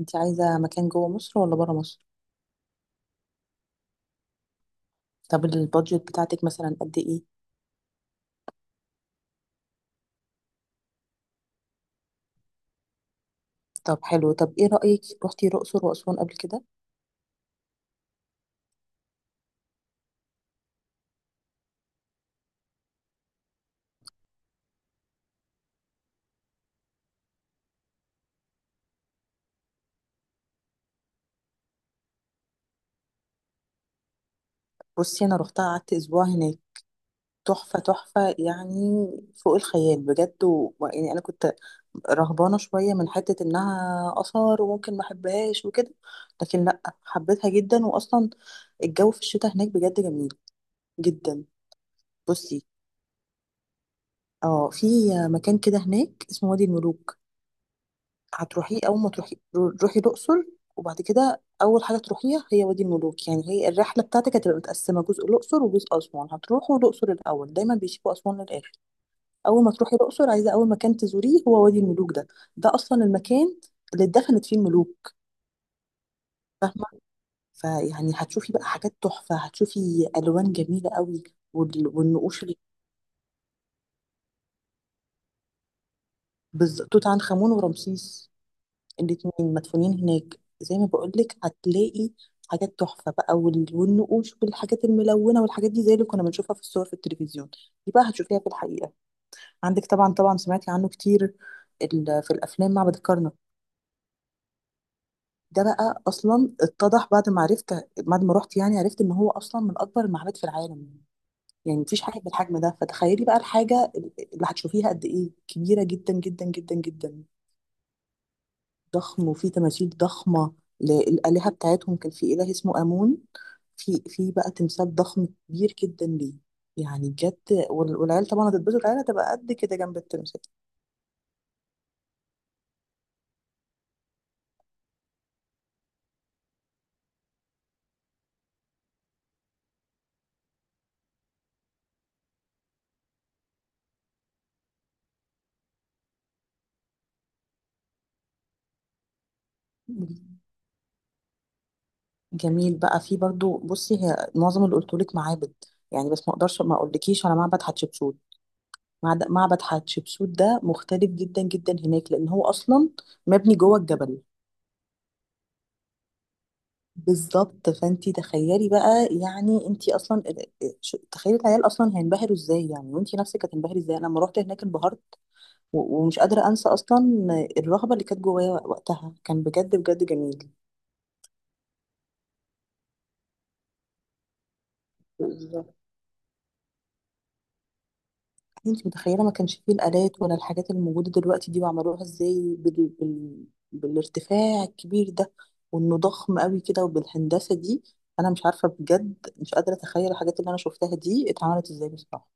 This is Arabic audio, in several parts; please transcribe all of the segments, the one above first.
انت عايزة مكان جوه مصر ولا برا مصر؟ طب البادجت بتاعتك مثلا قد ايه؟ طب حلو، طب ايه رأيك، روحتي الأقصر وأسوان قبل كده؟ بصي، انا روحتها، قعدت اسبوع هناك. تحفة تحفة يعني، فوق الخيال بجد يعني انا كنت رهبانة شوية من حتة انها آثار وممكن ما احبهاش وكده، لكن لا، حبيتها جدا. واصلا الجو في الشتاء هناك بجد جميل جدا. بصي، اه، في مكان كده هناك اسمه وادي الملوك. هتروحي اول ما تروحي روحي الاقصر، وبعد كده اول حاجه تروحيها هي وادي الملوك. يعني هي الرحله بتاعتك هتبقى متقسمه، جزء الاقصر وجزء اسوان. هتروحوا الاقصر الاول، دايما بيسيبوا اسوان للاخر. اول ما تروحي الاقصر، عايزه اول مكان تزوريه هو وادي الملوك ده. ده اصلا المكان اللي اتدفنت فيه الملوك، فاهمه؟ فيعني هتشوفي بقى حاجات تحفه، هتشوفي الوان جميله قوي وال- والنقوش اللي- توت عنخ امون ورمسيس، الاتنين مدفونين هناك. زي ما بقولك، هتلاقي حاجات تحفة بقى والنقوش والحاجات الملونة والحاجات دي، زي اللي كنا بنشوفها في الصور في التلفزيون، دي بقى هتشوفيها في الحقيقة. عندك طبعا طبعا، سمعتي عنه كتير في الأفلام، معبد الكرنك. ده بقى أصلا اتضح بعد ما عرفت، بعد ما رحت يعني، عرفت إن هو أصلا من أكبر المعابد في العالم. يعني مفيش حاجة بالحجم ده، فتخيلي بقى الحاجة اللي هتشوفيها قد إيه، كبيرة جدا جدا جدا جدا. ضخم وفي تماثيل ضخمة للآلهة بتاعتهم. كان في إله اسمه آمون، في بقى تمثال ضخم كبير جدا ليه، يعني بجد. والعيال طبعا هتتبسط، العيال هتبقى قد كده جنب التمثال. جميل بقى. في برضو بصي، هي معظم اللي قلتهولك معابد يعني، بس ما اقدرش ما اقولكيش على معبد حتشبسوت. معبد حتشبسوت ده مختلف جدا جدا هناك، لان هو اصلا مبني جوه الجبل. بالظبط، فانتي تخيلي بقى يعني، انتي اصلا تخيلي العيال اصلا هينبهروا ازاي، يعني وانتي نفسك هتنبهري ازاي. انا لما رحت هناك انبهرت ومش قادره انسى اصلا الرهبه اللي كانت جوايا وقتها. كان بجد بجد جميل. بالظبط، انتي متخيله ما كانش فيه الالات ولا الحاجات اللي موجوده دلوقتي دي، وعملوها ازاي بالارتفاع الكبير ده، وانه ضخم قوي كده وبالهندسه دي. انا مش عارفه بجد، مش قادره اتخيل الحاجات اللي انا شفتها دي اتعملت ازاي بصراحه.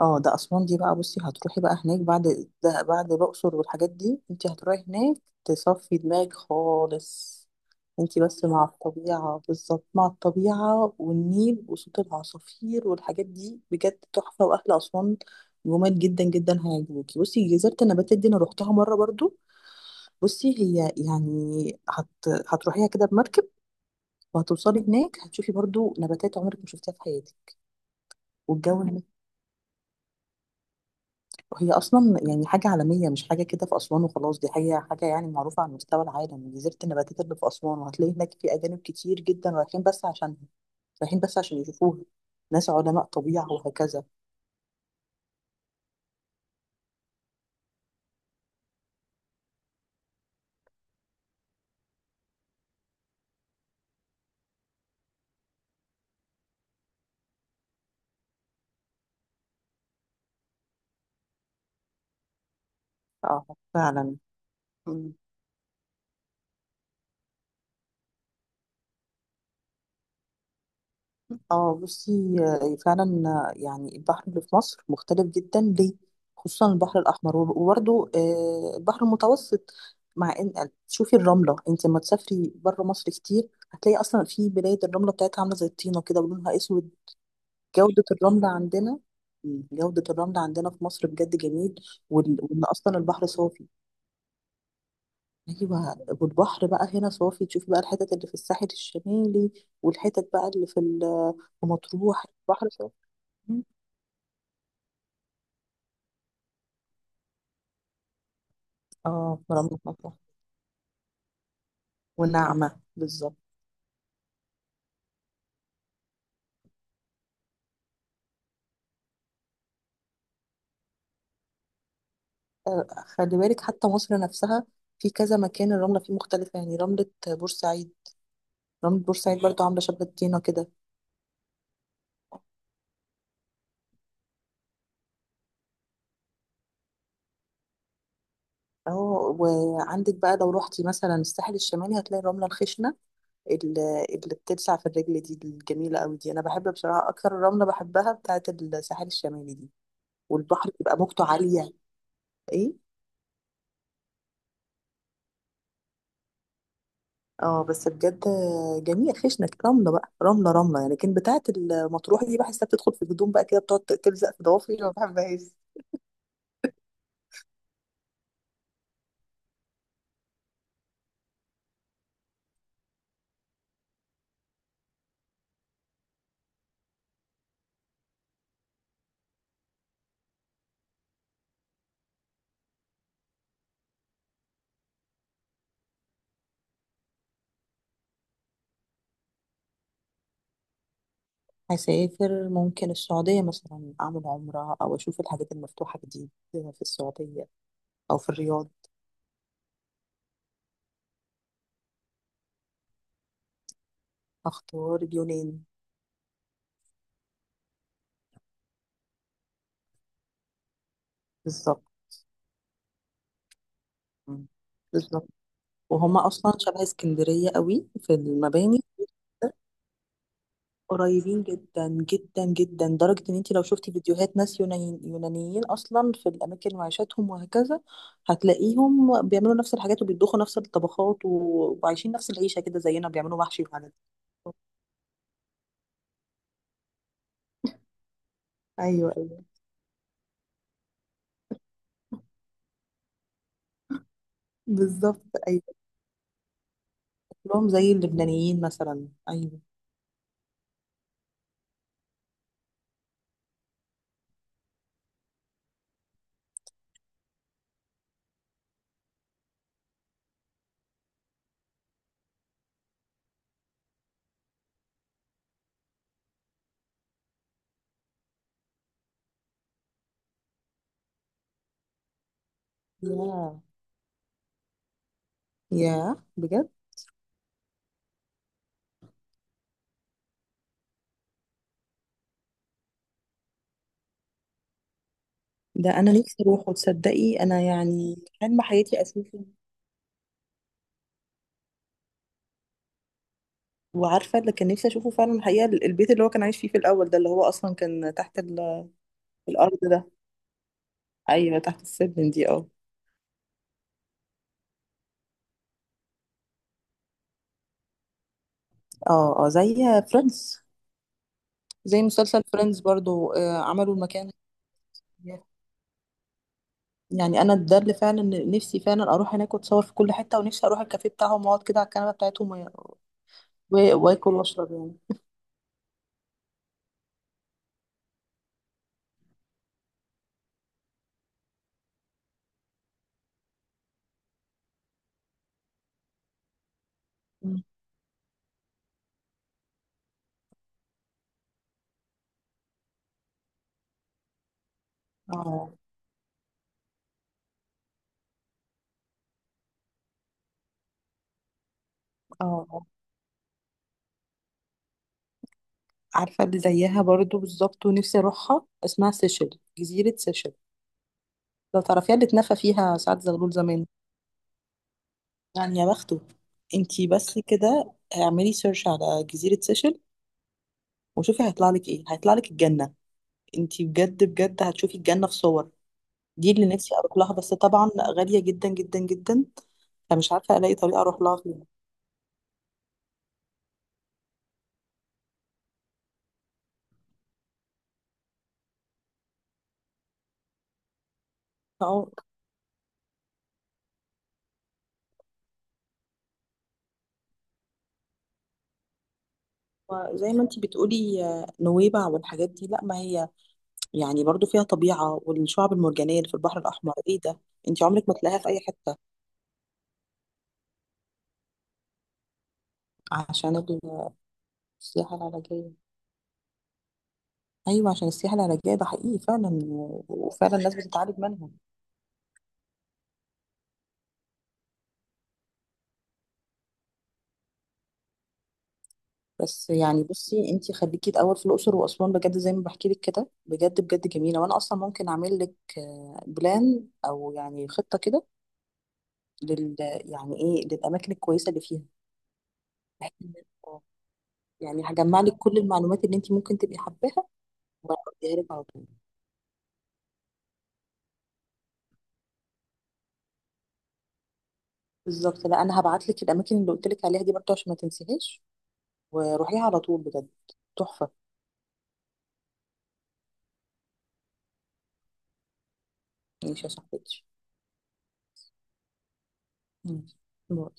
اه، ده اسوان دي بقى. بصي، هتروحي بقى هناك بعد ده، بعد الاقصر والحاجات دي انت هتروحي هناك تصفي دماغك خالص. انت بس مع الطبيعه، بالظبط، مع الطبيعه والنيل وصوت العصافير والحاجات دي، بجد تحفه. واهل اسوان جمال جدا جدا، هيعجبوكي. بصي، جزيره النباتات دي انا روحتها مره برضو. بصي هي يعني هت... هتروحيها كده بمركب، وهتوصلي هناك هتشوفي برضو نباتات عمرك ما شفتيها في حياتك. والجو هناك، هي اصلا يعني حاجه عالميه، مش حاجه كده في اسوان وخلاص، دي حاجه يعني معروفه على مستوى العالم، جزيره النباتات اللي في اسوان. وهتلاقي هناك في اجانب كتير جدا رايحين بس عشان يشوفوها، ناس علماء طبيعه وهكذا. اه، فعلا. مم. اه بصي، فعلا. يعني البحر اللي في مصر مختلف جدا ليه، خصوصا البحر الاحمر، وبرده البحر المتوسط. مع ان، شوفي الرمله، انت لما تسافري بره مصر كتير هتلاقي اصلا في بلاد الرمله بتاعتها عامله زي الطينه كده ولونها اسود. جودة الرمل عندنا، جودة الرمل عندنا في مصر بجد جميل. وإن أصلا البحر صافي. أيوة، والبحر بقى هنا صافي، تشوفي بقى الحتت اللي في الساحل الشمالي والحتت بقى اللي في في مطروح، البحر صافي. مم. اه، رملة مطروح، وناعمة بالظبط. خلي بالك، حتى مصر نفسها في كذا مكان الرملة فيه مختلفة. يعني رملة بورسعيد، رملة بورسعيد برضو عاملة شبه الطينة كده. اه، وعندك بقى لو روحتي مثلا الساحل الشمالي هتلاقي الرملة الخشنة اللي بتلسع في الرجل دي، الجميلة قوي دي. أنا بحب بصراحة أكتر الرملة، بحبها بتاعة الساحل الشمالي دي. والبحر بيبقى موجته عالية. إيه؟ اه، بس بجد جميل. خشنة رملة بقى، رملة يعني. لكن بتاعة المطروح دي بحسها بتدخل في الهدوم بقى كده، بتقعد تلزق في ضوافري، ما بحبهاش. هسافر ممكن السعودية مثلا، أعمل عمرة، أو أشوف الحاجات المفتوحة جديد في السعودية، أو في الرياض. أختار اليونان. بالظبط. مم. بالظبط، وهم اصلا شبه اسكندريه قوي في المباني. قريبين جدا جدا جدا، لدرجه ان انت لو شفتي فيديوهات ناس يونانيين، يونانيين اصلا في الاماكن وعيشاتهم وهكذا، هتلاقيهم بيعملوا نفس الحاجات وبيطبخوا نفس الطبخات وعايشين نفس العيشه كده زينا، بيعملوا محشي وحاجات. ايوه، ايوه، بالظبط، ايوه. اكلهم زي اللبنانيين مثلا، ايوه. ياه، ياه بجد. ده انا نفسي اروح، وتصدقي انا يعني حلم حياتي اشوفه. وعارفه اللي كان نفسي اشوفه فعلا الحقيقه، البيت اللي هو كان عايش فيه في الاول ده، اللي هو اصلا كان تحت الارض ده. ايوه، تحت السلم دي، اه. اه، اه، زي فريندز، زي مسلسل فريندز برضو. عملوا المكان، يعني انا ده اللي فعلا نفسي، فعلا اروح هناك واتصور في كل حته، ونفسي اروح الكافيه بتاعهم واقعد كده على الكنبه بتاعتهم واكل واشرب يعني. مم. اه، اه. عارفه اللي زيها برضو بالظبط ونفسي اروحها، اسمها سيشل، جزيره سيشل. لو تعرفيها، اللي اتنفى فيها سعد زغلول زمان. يعني يا بخته. انتي بس كده اعملي سيرش على جزيرة سيشل، وشوفي هيطلع لك ايه. هيطلع لك الجنة. انتي بجد بجد هتشوفي الجنة في صور. دي اللي نفسي اروح لها، بس طبعا غالية جدا جدا جدا، فمش عارفة الاقي طريقة اروح لها فيها. اه زي ما انتي بتقولي، نويبع والحاجات دي، لا، ما هي يعني برضو فيها طبيعة، والشعب المرجانية اللي في البحر الأحمر ايه ده، انتي عمرك ما تلاقيها في أي حتة. عشان السياحة العلاجية، ايوه، عشان السياحه العلاجيه ده حقيقي فعلا وفعلا الناس بتتعالج منهم. بس يعني بصي، انتي خليكي الاول في الاقصر واسوان، بجد زي ما بحكي لك كده، بجد بجد جميله. وانا اصلا ممكن اعمل لك بلان، او يعني خطه كده لل يعني ايه للاماكن الكويسه اللي فيها، بحيث آه، يعني هجمع لك كل المعلومات اللي انتي ممكن تبقي حباها، وهديها لك على طول. بالظبط، لا، انا هبعت لك الاماكن اللي قلت لك عليها دي برضه عشان ما تنسيهاش، وروحيها على طول بجد، تحفه. ماشي يا صاحبتي. ماشي. باي.